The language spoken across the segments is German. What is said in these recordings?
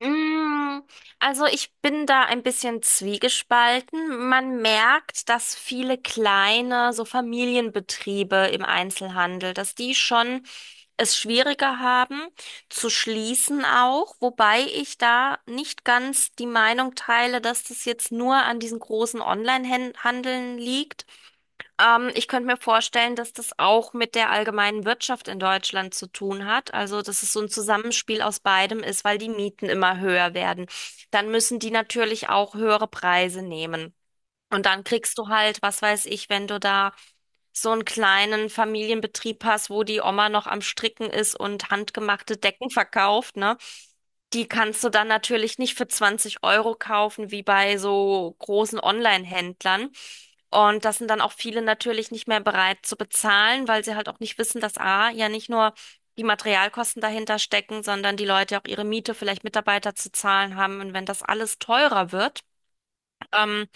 Mm, Also ich bin da ein bisschen zwiegespalten. Man merkt, dass viele kleine, so Familienbetriebe im Einzelhandel, dass die schon es schwieriger haben zu schließen auch, wobei ich da nicht ganz die Meinung teile, dass das jetzt nur an diesen großen Online-Handeln liegt. Ich könnte mir vorstellen, dass das auch mit der allgemeinen Wirtschaft in Deutschland zu tun hat. Also, dass es so ein Zusammenspiel aus beidem ist, weil die Mieten immer höher werden. Dann müssen die natürlich auch höhere Preise nehmen. Und dann kriegst du halt, was weiß ich, wenn du da so einen kleinen Familienbetrieb hast, wo die Oma noch am Stricken ist und handgemachte Decken verkauft, ne? Die kannst du dann natürlich nicht für 20 € kaufen, wie bei so großen Online-Händlern. Und das sind dann auch viele natürlich nicht mehr bereit zu bezahlen, weil sie halt auch nicht wissen, dass A, ja nicht nur die Materialkosten dahinter stecken, sondern die Leute auch ihre Miete, vielleicht Mitarbeiter zu zahlen haben. Und wenn das alles teurer wird, ähm,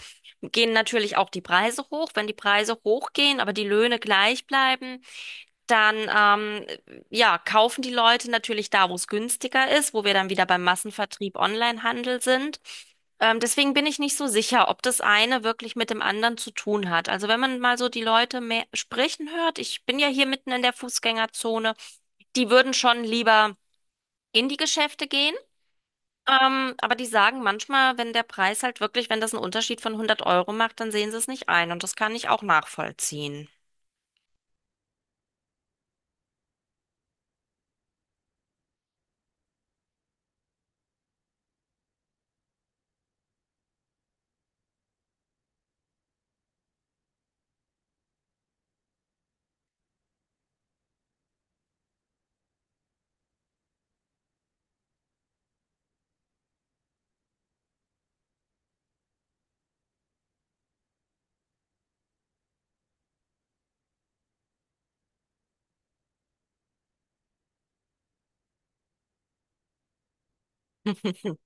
gehen natürlich auch die Preise hoch. Wenn die Preise hochgehen, aber die Löhne gleich bleiben, dann ja, kaufen die Leute natürlich da, wo es günstiger ist, wo wir dann wieder beim Massenvertrieb Onlinehandel sind. Deswegen bin ich nicht so sicher, ob das eine wirklich mit dem anderen zu tun hat. Also wenn man mal so die Leute mehr sprechen hört, ich bin ja hier mitten in der Fußgängerzone, die würden schon lieber in die Geschäfte gehen. Aber die sagen manchmal, wenn der Preis halt wirklich, wenn das einen Unterschied von 100 € macht, dann sehen sie es nicht ein. Und das kann ich auch nachvollziehen.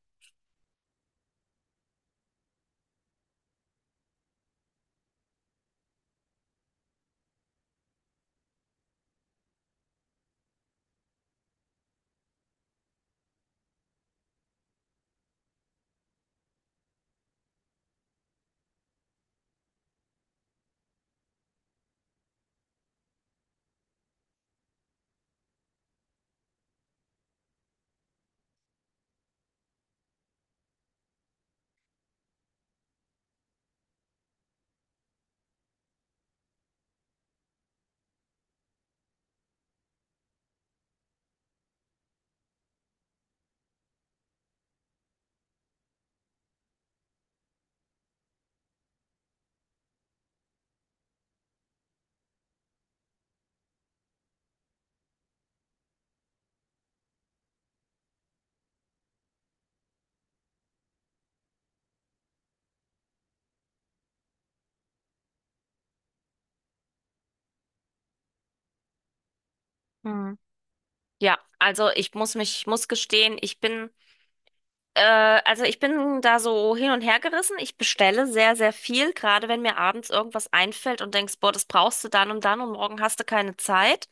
Hm. Ja, also muss gestehen, ich bin Äh, also ich bin da so hin und her gerissen. Ich bestelle sehr, sehr viel, gerade wenn mir abends irgendwas einfällt und denkst, boah, das brauchst du dann und dann und morgen hast du keine Zeit.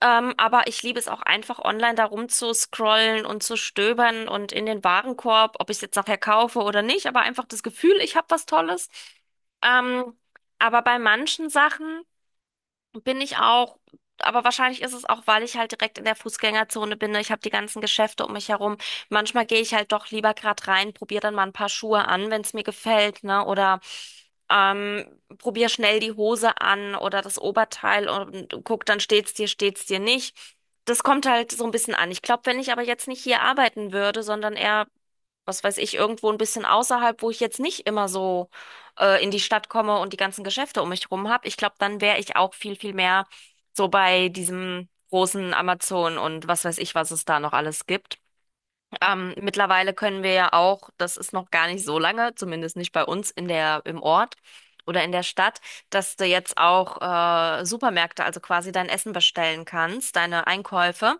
Aber ich liebe es auch einfach online da rumzuscrollen und zu stöbern und in den Warenkorb, ob ich es jetzt nachher kaufe oder nicht, aber einfach das Gefühl, ich habe was Tolles. Ähm, aber bei manchen Sachen. Bin ich auch, aber wahrscheinlich ist es auch, weil ich halt direkt in der Fußgängerzone bin, ne? Ich habe die ganzen Geschäfte um mich herum. Manchmal gehe ich halt doch lieber gerade rein, probiere dann mal ein paar Schuhe an, wenn es mir gefällt, ne? Oder ähm, probiere schnell die Hose an oder das Oberteil und guck, dann steht's dir nicht. Das kommt halt so ein bisschen an. Ich glaube, wenn ich aber jetzt nicht hier arbeiten würde, sondern eher was weiß ich, irgendwo ein bisschen außerhalb, wo ich jetzt nicht immer so in die Stadt komme und die ganzen Geschäfte um mich rum habe. Ich glaube, dann wäre ich auch viel, viel mehr so bei diesem großen Amazon und was weiß ich, was es da noch alles gibt. Mittlerweile können wir ja auch, das ist noch gar nicht so lange, zumindest nicht bei uns im Ort oder in der Stadt, dass du jetzt auch Supermärkte, also quasi dein Essen bestellen kannst, deine Einkäufe.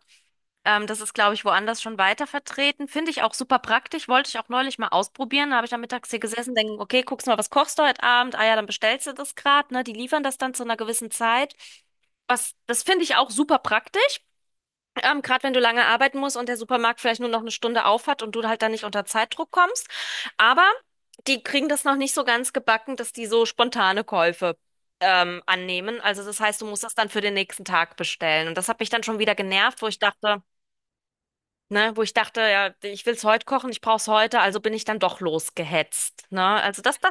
Das ist, glaube ich, woanders schon weiter vertreten. Finde ich auch super praktisch. Wollte ich auch neulich mal ausprobieren. Da habe ich am Mittags hier gesessen, denke, okay, guckst mal, was kochst du heute Abend? Ah ja, dann bestellst du das gerade, ne? Die liefern das dann zu einer gewissen Zeit. Was, das finde ich auch super praktisch. Gerade wenn du lange arbeiten musst und der Supermarkt vielleicht nur noch eine Stunde auf hat und du halt dann nicht unter Zeitdruck kommst. Aber die kriegen das noch nicht so ganz gebacken, dass die so spontane Käufe annehmen. Also das heißt, du musst das dann für den nächsten Tag bestellen. Und das hat mich dann schon wieder genervt, wo ich dachte, ne, wo ich dachte, ja, ich will es heute kochen, ich brauche es heute, also bin ich dann doch losgehetzt, ne? Also das, das,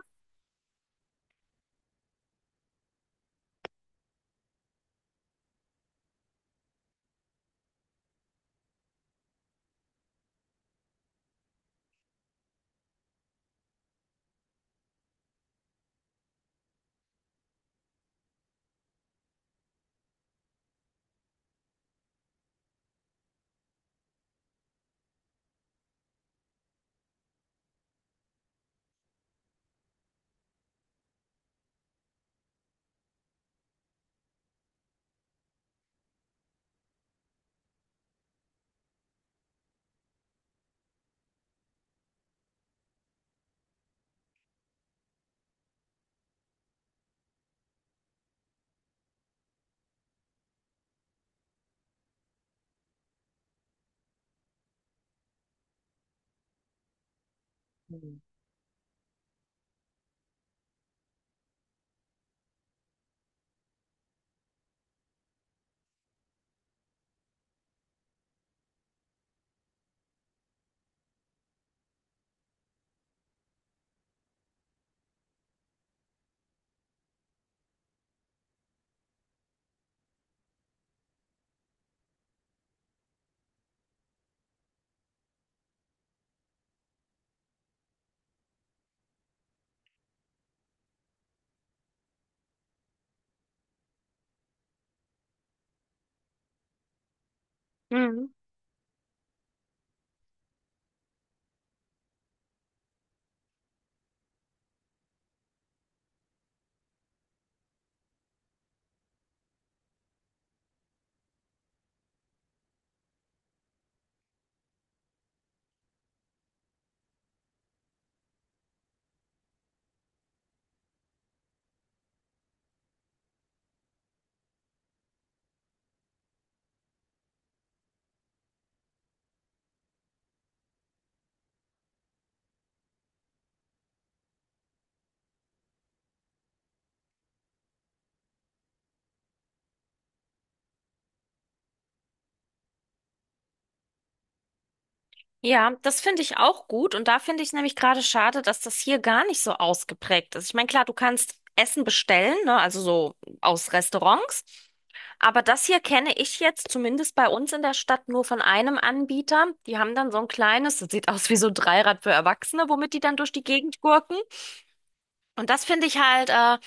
mhm. Ja, das finde ich auch gut. Und da finde ich nämlich gerade schade, dass das hier gar nicht so ausgeprägt ist. Ich meine, klar, du kannst Essen bestellen, ne? Also so aus Restaurants. Aber das hier kenne ich jetzt zumindest bei uns in der Stadt nur von einem Anbieter. Die haben dann so ein kleines, das sieht aus wie so ein Dreirad für Erwachsene, womit die dann durch die Gegend gurken. Und das finde ich halt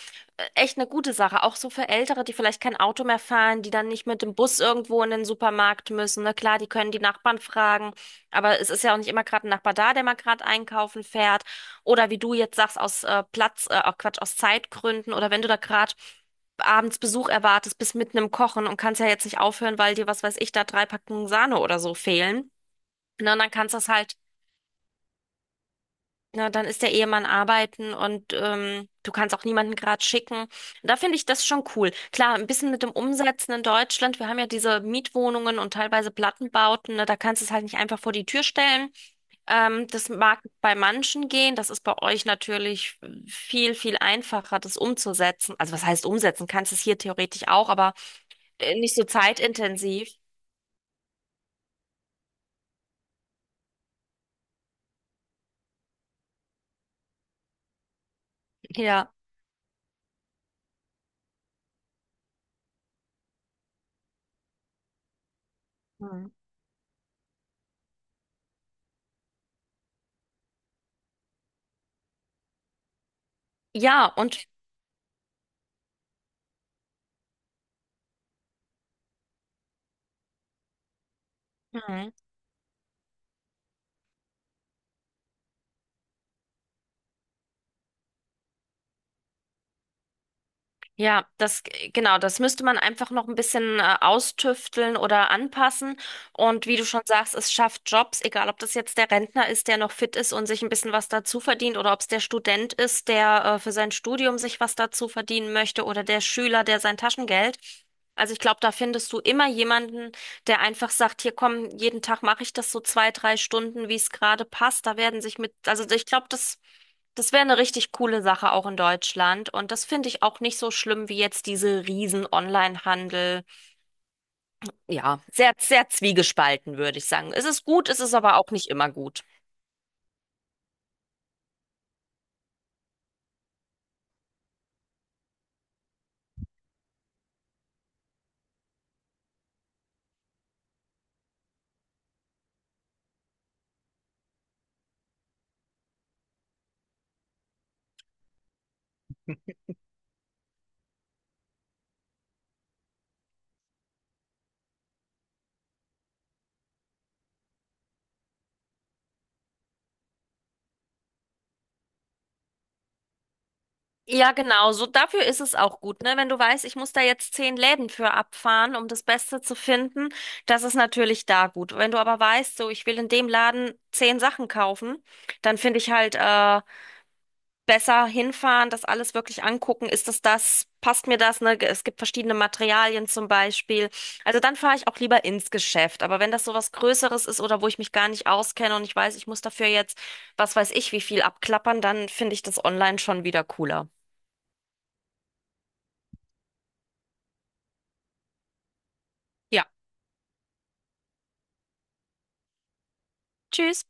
echt eine gute Sache, auch so für Ältere, die vielleicht kein Auto mehr fahren, die dann nicht mit dem Bus irgendwo in den Supermarkt müssen, ne? Klar, die können die Nachbarn fragen, aber es ist ja auch nicht immer gerade ein Nachbar da, der mal gerade einkaufen fährt. Oder wie du jetzt sagst, aus Platz, auch Quatsch, aus Zeitgründen oder wenn du da gerade abends Besuch erwartest, bist mitten im Kochen und kannst ja jetzt nicht aufhören, weil dir, was weiß ich, da drei Packungen Sahne oder so fehlen. Ne? Und dann kannst du das halt, na, dann ist der Ehemann arbeiten und du kannst auch niemanden gerade schicken. Da finde ich das schon cool. Klar, ein bisschen mit dem Umsetzen in Deutschland. Wir haben ja diese Mietwohnungen und teilweise Plattenbauten, ne? Da kannst du es halt nicht einfach vor die Tür stellen. Das mag bei manchen gehen. Das ist bei euch natürlich viel, viel einfacher, das umzusetzen. Also was heißt umsetzen? Kannst es hier theoretisch auch, aber nicht so zeitintensiv. Ja. Hm. Ja, und hm. Ja, das, genau, das müsste man einfach noch ein bisschen austüfteln oder anpassen. Und wie du schon sagst, es schafft Jobs, egal ob das jetzt der Rentner ist, der noch fit ist und sich ein bisschen was dazu verdient, oder ob es der Student ist, der für sein Studium sich was dazu verdienen möchte, oder der Schüler, der sein Taschengeld. Also ich glaube, da findest du immer jemanden, der einfach sagt, hier komm, jeden Tag mache ich das so 2, 3 Stunden, wie es gerade passt. Da werden sich mit, also ich glaube, das. Das wäre eine richtig coole Sache auch in Deutschland. Und das finde ich auch nicht so schlimm wie jetzt diese riesen Online-Handel. Ja, sehr, sehr zwiegespalten, würde ich sagen. Es ist gut, es ist aber auch nicht immer gut. Ja, genau. So dafür ist es auch gut, ne? Wenn du weißt, ich muss da jetzt 10 Läden für abfahren, um das Beste zu finden, das ist natürlich da gut. Wenn du aber weißt, so ich will in dem Laden 10 Sachen kaufen, dann finde ich halt besser hinfahren, das alles wirklich angucken. Ist das das? Passt mir das? Ne? Es gibt verschiedene Materialien zum Beispiel. Also dann fahre ich auch lieber ins Geschäft. Aber wenn das so was Größeres ist oder wo ich mich gar nicht auskenne und ich weiß, ich muss dafür jetzt, was weiß ich, wie viel abklappern, dann finde ich das online schon wieder cooler. Ja. Tschüss.